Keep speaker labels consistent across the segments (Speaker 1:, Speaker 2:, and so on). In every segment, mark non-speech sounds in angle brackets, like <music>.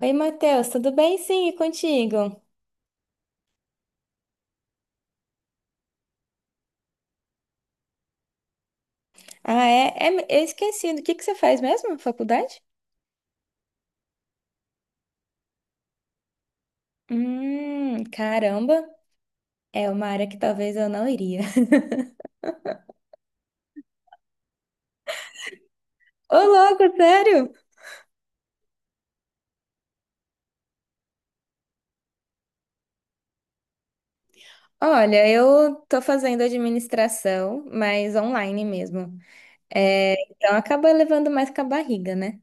Speaker 1: Oi, Matheus, tudo bem? Sim, e contigo? Ah, eu esqueci. O que que você faz mesmo na faculdade? Caramba, é uma área que talvez eu não iria. <laughs> Ô, louco, sério? Olha, eu tô fazendo administração, mas online mesmo. É, então acaba levando mais com a barriga, né?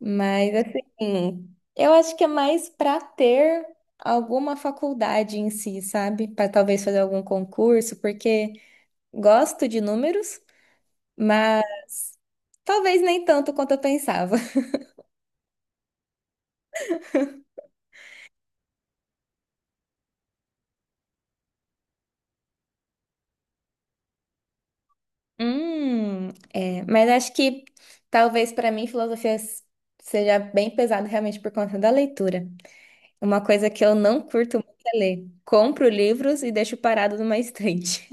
Speaker 1: Mas assim, eu acho que é mais pra ter alguma faculdade em si, sabe? Pra talvez fazer algum concurso, porque gosto de números. Mas talvez nem tanto quanto eu pensava. <laughs> É, mas acho que talvez para mim filosofia seja bem pesado realmente por conta da leitura. Uma coisa que eu não curto muito é ler. Compro livros e deixo parado numa estante.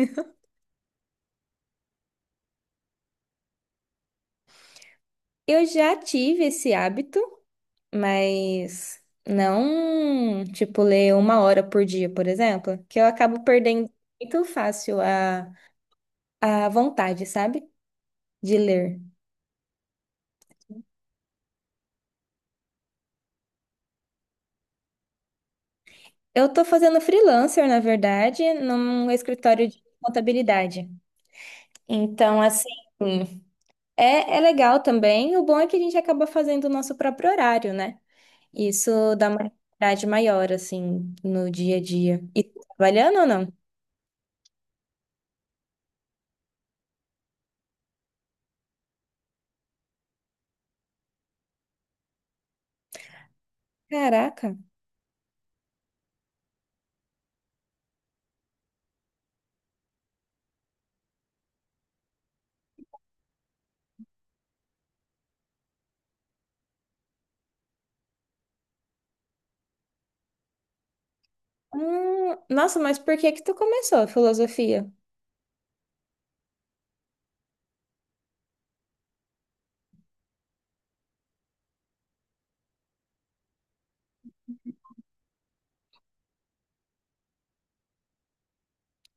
Speaker 1: <laughs> Eu já tive esse hábito, mas não, tipo, ler uma hora por dia, por exemplo, que eu acabo perdendo muito fácil a vontade, sabe? De ler. Eu tô fazendo freelancer, na verdade, num escritório de contabilidade. Então, assim, é legal também. O bom é que a gente acaba fazendo o nosso próprio horário, né? Isso dá uma liberdade maior, assim, no dia a dia. E tu tá trabalhando ou não? Caraca. Nossa, mas por que que tu começou a filosofia?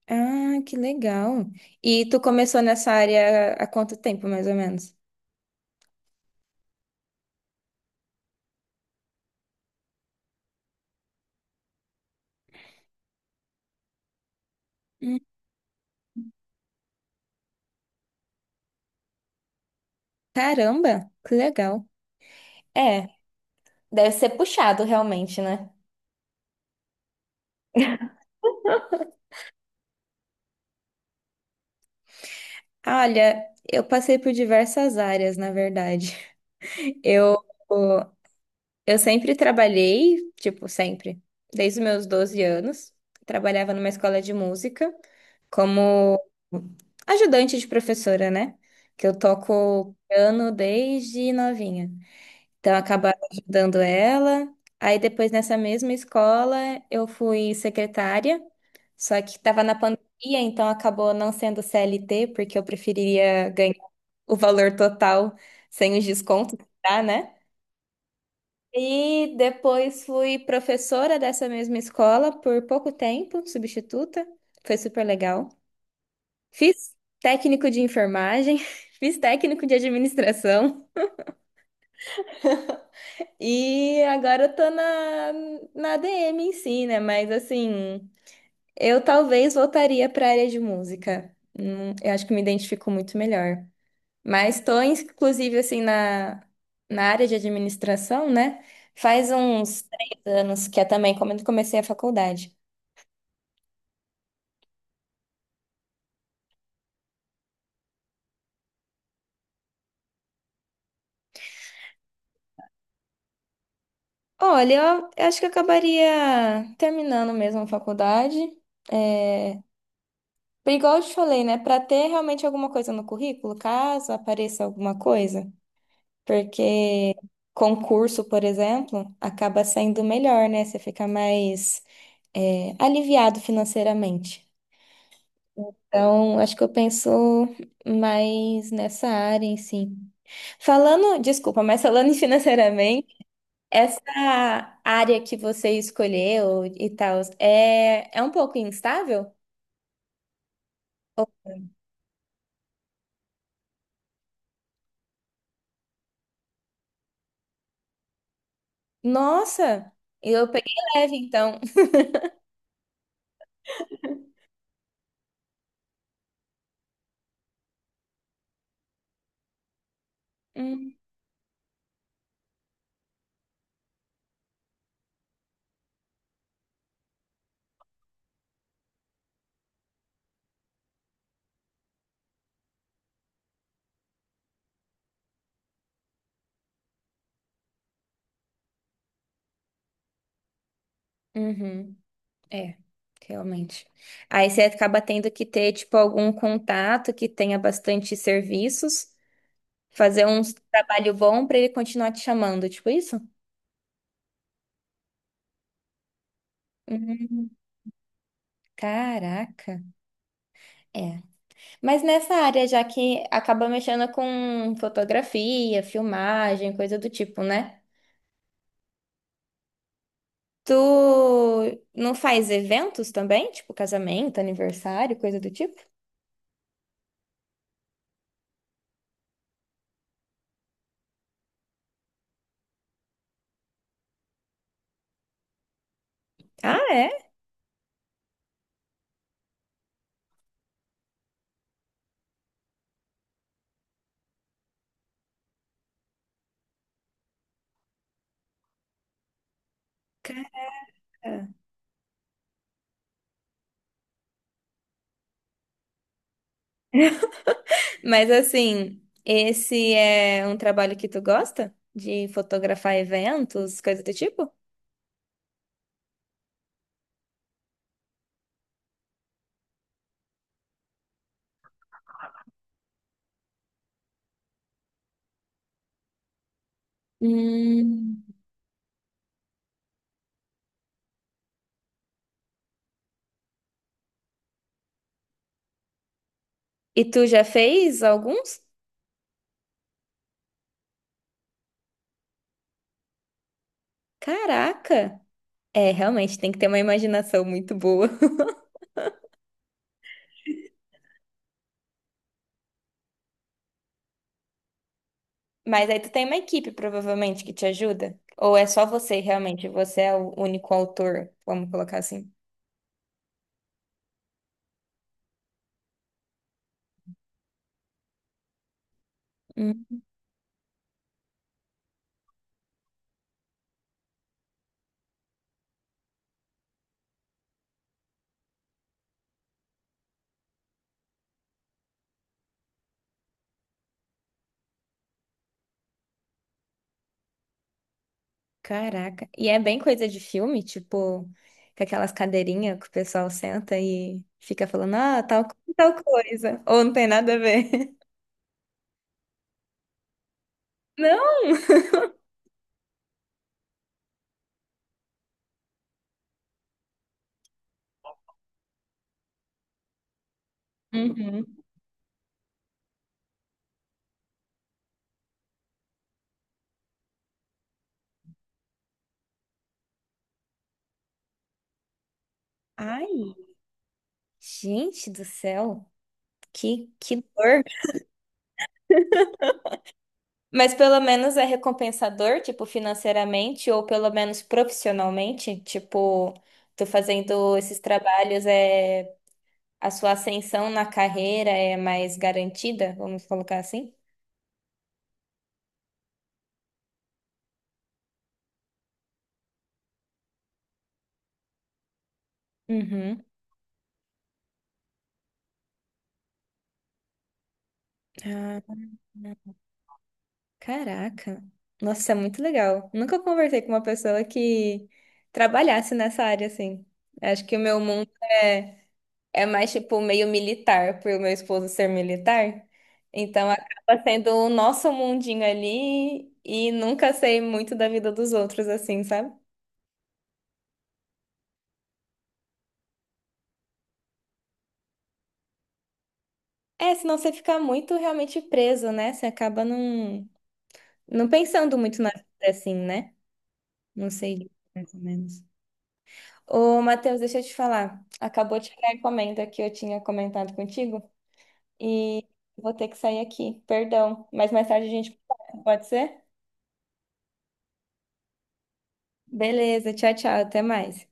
Speaker 1: Ah, que legal. E tu começou nessa área há quanto tempo, mais ou menos? Hum, Caramba, que legal. É, deve ser puxado realmente, né? Olha, eu passei por diversas áreas, na verdade. <laughs> Eu, eu sempre trabalhei, tipo, sempre, desde os meus 12 anos. Trabalhava numa escola de música como ajudante de professora, né? Que eu toco piano desde novinha. Então, acabaram ajudando ela. Aí, depois, nessa mesma escola, eu fui secretária, só que estava na pandemia, então acabou não sendo CLT, porque eu preferiria ganhar o valor total sem os descontos, que dá, né? E depois fui professora dessa mesma escola por pouco tempo, substituta. Foi super legal. Fiz técnico de enfermagem, <laughs> fiz técnico de administração. E agora eu tô na DM em si, né? Mas assim, eu talvez voltaria pra área de música. Eu acho que me identifico muito melhor. Mas tô, inclusive, assim, na área de administração, né? Faz uns 3 anos que é também quando comecei a faculdade. Olha, eu acho que eu acabaria terminando mesmo a faculdade. É, igual eu te falei, né? Pra ter realmente alguma coisa no currículo, caso apareça alguma coisa. Porque concurso, por exemplo, acaba saindo melhor, né? Você fica mais aliviado financeiramente. Então, acho que eu penso mais nessa área em si. Falando, desculpa, mas falando <laughs> em financeiramente, essa área que você escolheu e tal, é um pouco instável? Nossa, eu peguei leve, então. Hum, uhum. É, realmente. Aí você acaba tendo que ter, tipo, algum contato que tenha bastante serviços, fazer um trabalho bom para ele continuar te chamando, tipo isso? Hum, caraca. É. Mas nessa área, já que acaba mexendo com fotografia, filmagem, coisa do tipo, né? Tu não faz eventos também? Tipo casamento, aniversário, coisa do tipo? Ah, é? Cara. Mas assim, esse é um trabalho que tu gosta? De fotografar eventos, coisa do tipo? Hum. E tu já fez alguns? Caraca! É, realmente, tem que ter uma imaginação muito boa. <laughs> Mas aí tu tem uma equipe, provavelmente, que te ajuda? Ou é só você, realmente? Você é o único autor, vamos colocar assim. Caraca. E é bem coisa de filme, tipo, com aquelas cadeirinhas que o pessoal senta e fica falando, ah, tal, tal coisa. Ou não tem nada a ver. <laughs> Não? Uhum. Ai, gente do céu. Que dor. Mas pelo menos é recompensador, tipo, financeiramente ou pelo menos profissionalmente. Tipo, tu fazendo esses trabalhos, a sua ascensão na carreira é mais garantida, vamos colocar assim? Uhum. Ah. Caraca, nossa, isso é muito legal. Nunca conversei com uma pessoa que trabalhasse nessa área assim. Acho que o meu mundo é, é mais tipo meio militar, por meu esposo ser militar. Então acaba sendo o nosso mundinho ali e nunca sei muito da vida dos outros assim, sabe? É, senão você fica muito realmente preso, né? Você acaba não pensando muito na vida assim, né? Não sei, mais ou menos. Ô, Matheus, deixa eu te falar. Acabou de chegar a encomenda que eu tinha comentado contigo e vou ter que sair aqui. Perdão, mas mais tarde a gente conversa, pode ser? Beleza, tchau, tchau, até mais.